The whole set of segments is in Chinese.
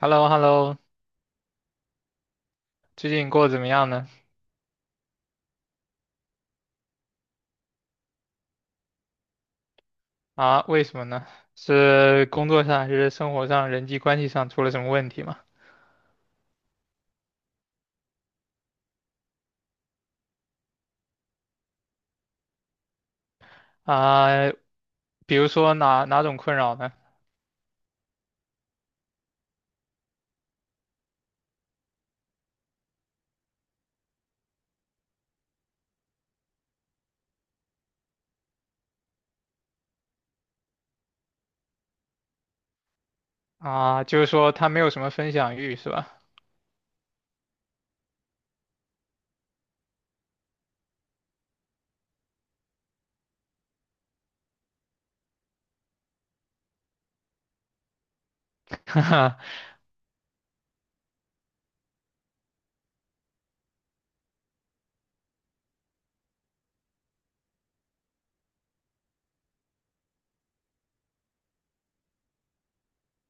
h e l l o h e l l o 最近过得怎么样呢？啊，为什么呢？是工作上还是生活上、人际关系上出了什么问题吗？啊，比如说哪种困扰呢？啊，就是说他没有什么分享欲是吧？哈哈，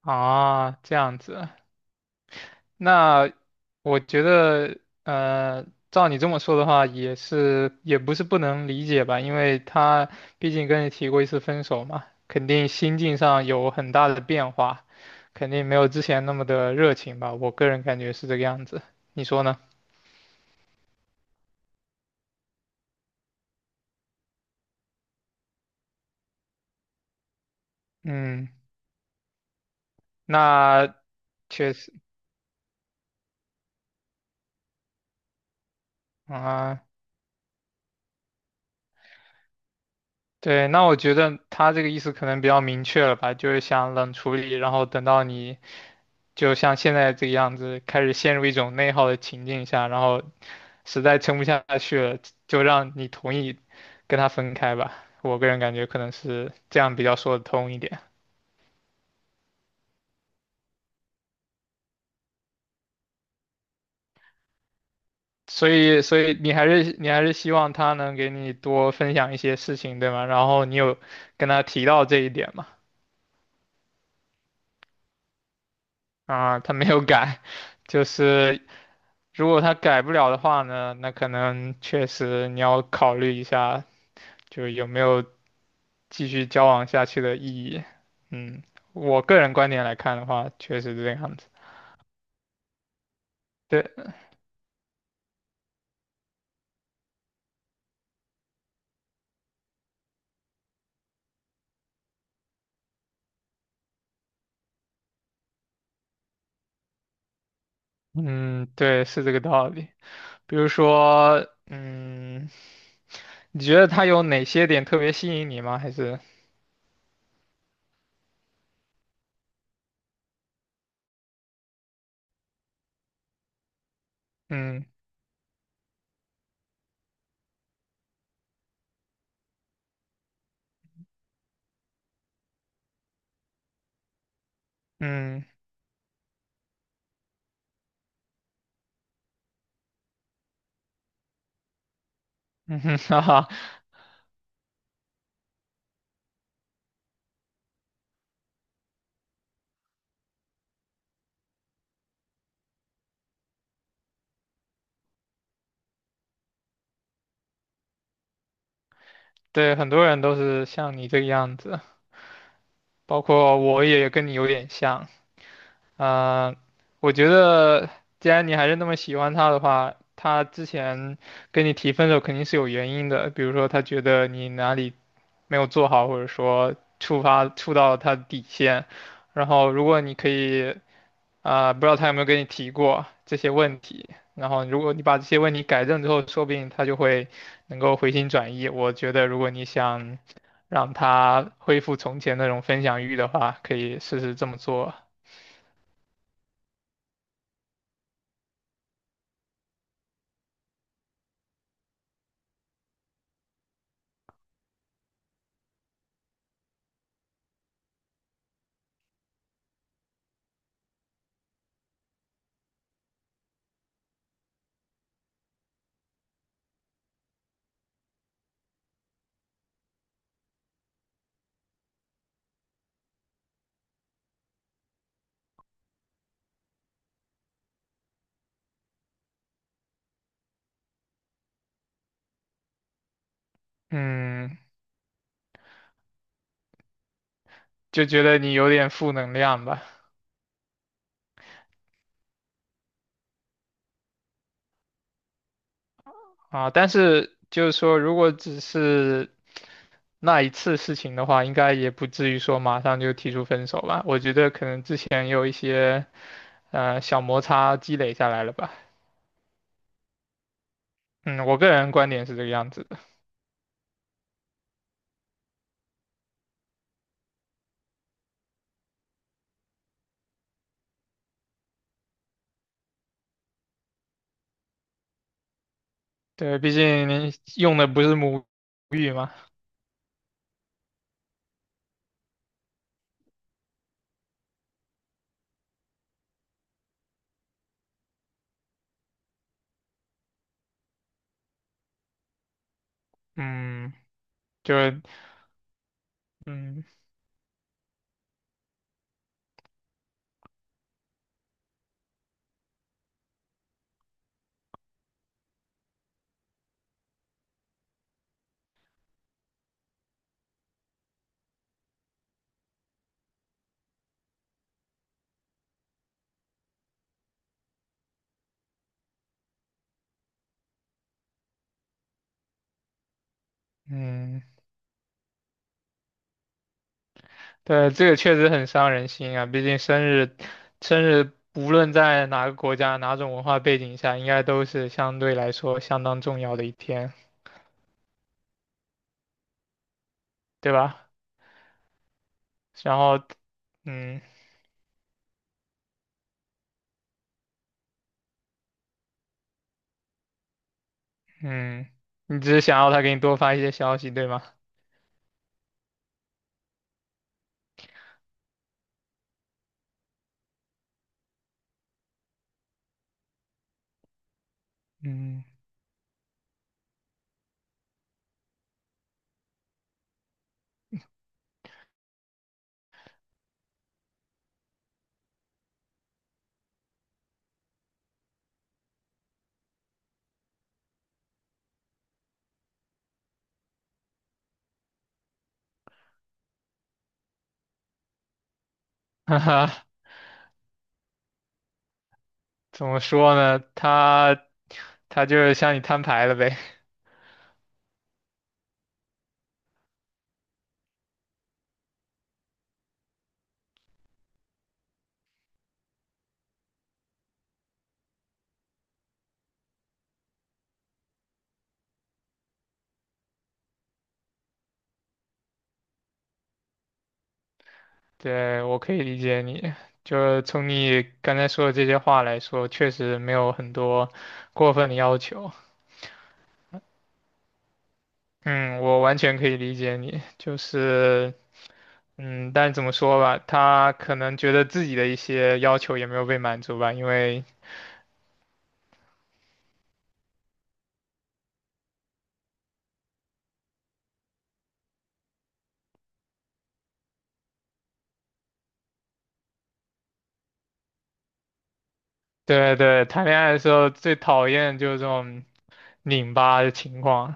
啊，这样子，那我觉得，呃，照你这么说的话，也不是不能理解吧，因为他毕竟跟你提过一次分手嘛，肯定心境上有很大的变化，肯定没有之前那么的热情吧，我个人感觉是这个样子，你说呢？嗯，那确实啊，对，那我觉得他这个意思可能比较明确了吧，就是想冷处理，然后等到你就像现在这个样子，开始陷入一种内耗的情境下，然后实在撑不下去了，就让你同意跟他分开吧。我个人感觉可能是这样比较说得通一点。所以，所以你还是希望他能给你多分享一些事情，对吗？然后你有跟他提到这一点嘛？啊，他没有改，就是如果他改不了的话呢，那可能确实你要考虑一下，就有没有继续交往下去的意义。嗯，我个人观点来看的话，确实是这个样子。对，嗯，对，是这个道理。比如说，嗯，你觉得他有哪些点特别吸引你吗？还是，嗯嗯嗯哼 哈哈，对，很多人都是像你这个样子，包括我也跟你有点像。呃，我觉得既然你还是那么喜欢他的话，他之前跟你提分手肯定是有原因的，比如说他觉得你哪里没有做好，或者说触到他的底线。然后如果你可以啊、不知道他有没有跟你提过这些问题，然后如果你把这些问题改正之后，说不定他就会能够回心转意。我觉得如果你想让他恢复从前那种分享欲的话，可以试试这么做。嗯，就觉得你有点负能量吧。啊，但是就是说，如果只是那一次事情的话，应该也不至于说马上就提出分手吧。我觉得可能之前有一些小摩擦积累下来了吧。嗯，我个人观点是这个样子的。对，毕竟您用的不是母语嘛。嗯，就嗯嗯。对，这个确实很伤人心啊，毕竟生日，生日无论在哪个国家、哪种文化背景下，应该都是相对来说相当重要的一天，对吧？然后，嗯嗯，你只是想要他给你多发一些消息，对吗？嗯，哈哈，怎么说呢？他就是向你摊牌了呗。对，我可以理解你。就是从你刚才说的这些话来说，确实没有很多过分的要求。嗯，我完全可以理解你，就是，嗯，但怎么说吧，他可能觉得自己的一些要求也没有被满足吧，因为，对对，谈恋爱的时候最讨厌就是这种拧巴的情况，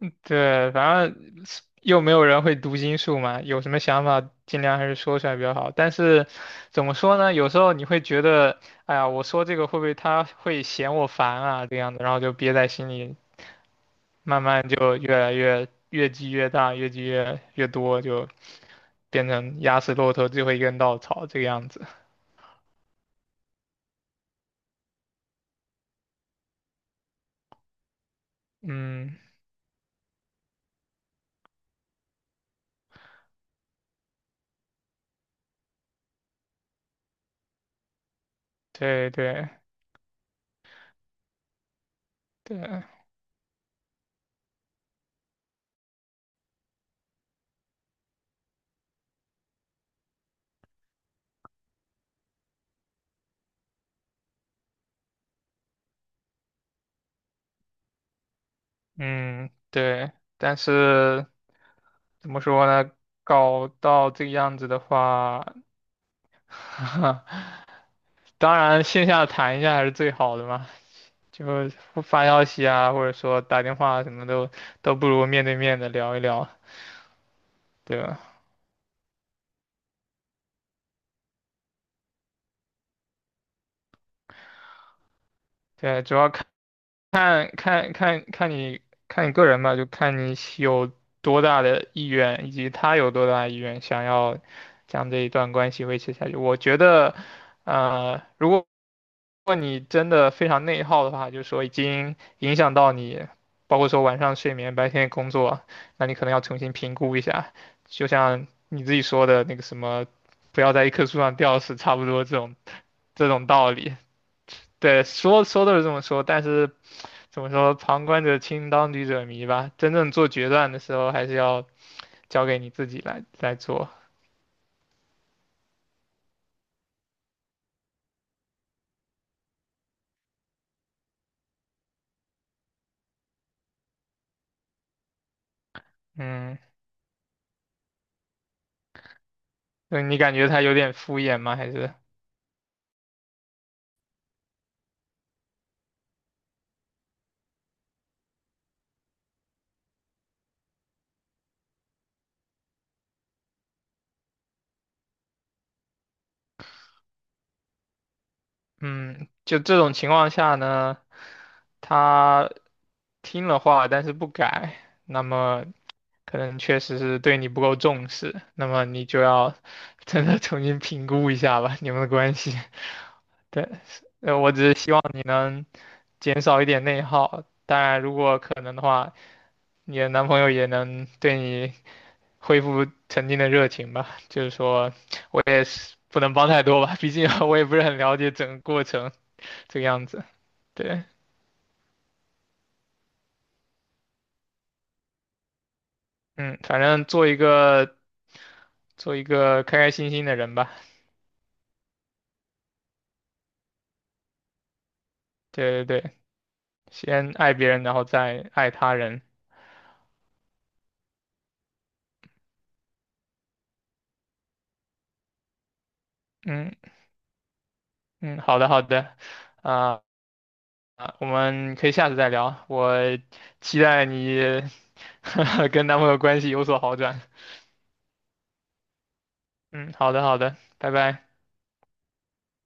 对，反正又没有人会读心术嘛，有什么想法尽量还是说出来比较好。但是怎么说呢，有时候你会觉得，哎呀，我说这个会不会他会嫌我烦啊，这样的，然后就憋在心里，慢慢就越积越大，越积越多，就变成压死骆驼最后一根稻草这个样子。嗯，对对对，嗯对，但是怎么说呢？搞到这个样子的话，当然线下谈一下还是最好的嘛，就发消息啊，或者说打电话什么都不如面对面的聊一聊，对吧？对，主要看。看看看看你看你个人吧，就看你有多大的意愿，以及他有多大的意愿想要将这一段关系维持下去。我觉得，呃，如果如果你真的非常内耗的话，就是说已经影响到你，包括说晚上睡眠、白天工作，那你可能要重新评估一下。就像你自己说的那个什么，不要在一棵树上吊死，差不多这种道理。对，说说都是这么说，但是。怎么说，旁观者清，当局者迷吧。真正做决断的时候，还是要交给你自己来做。嗯，那你感觉他有点敷衍吗？还是，嗯，就这种情况下呢，他听了话，但是不改，那么可能确实是对你不够重视，那么你就要真的重新评估一下吧，你们的关系。对，我只是希望你能减少一点内耗，当然如果可能的话。你的男朋友也能对你恢复曾经的热情吧。就是说，我也是不能帮太多吧，毕竟我也不是很了解整个过程这个样子。对，嗯，反正做一个开开心心的人吧。对对对，先爱别人，然后再爱他人。嗯嗯，好的好的，啊、啊，我们可以下次再聊。我期待你 跟男朋友关系有所好转。嗯，好的好的，拜拜。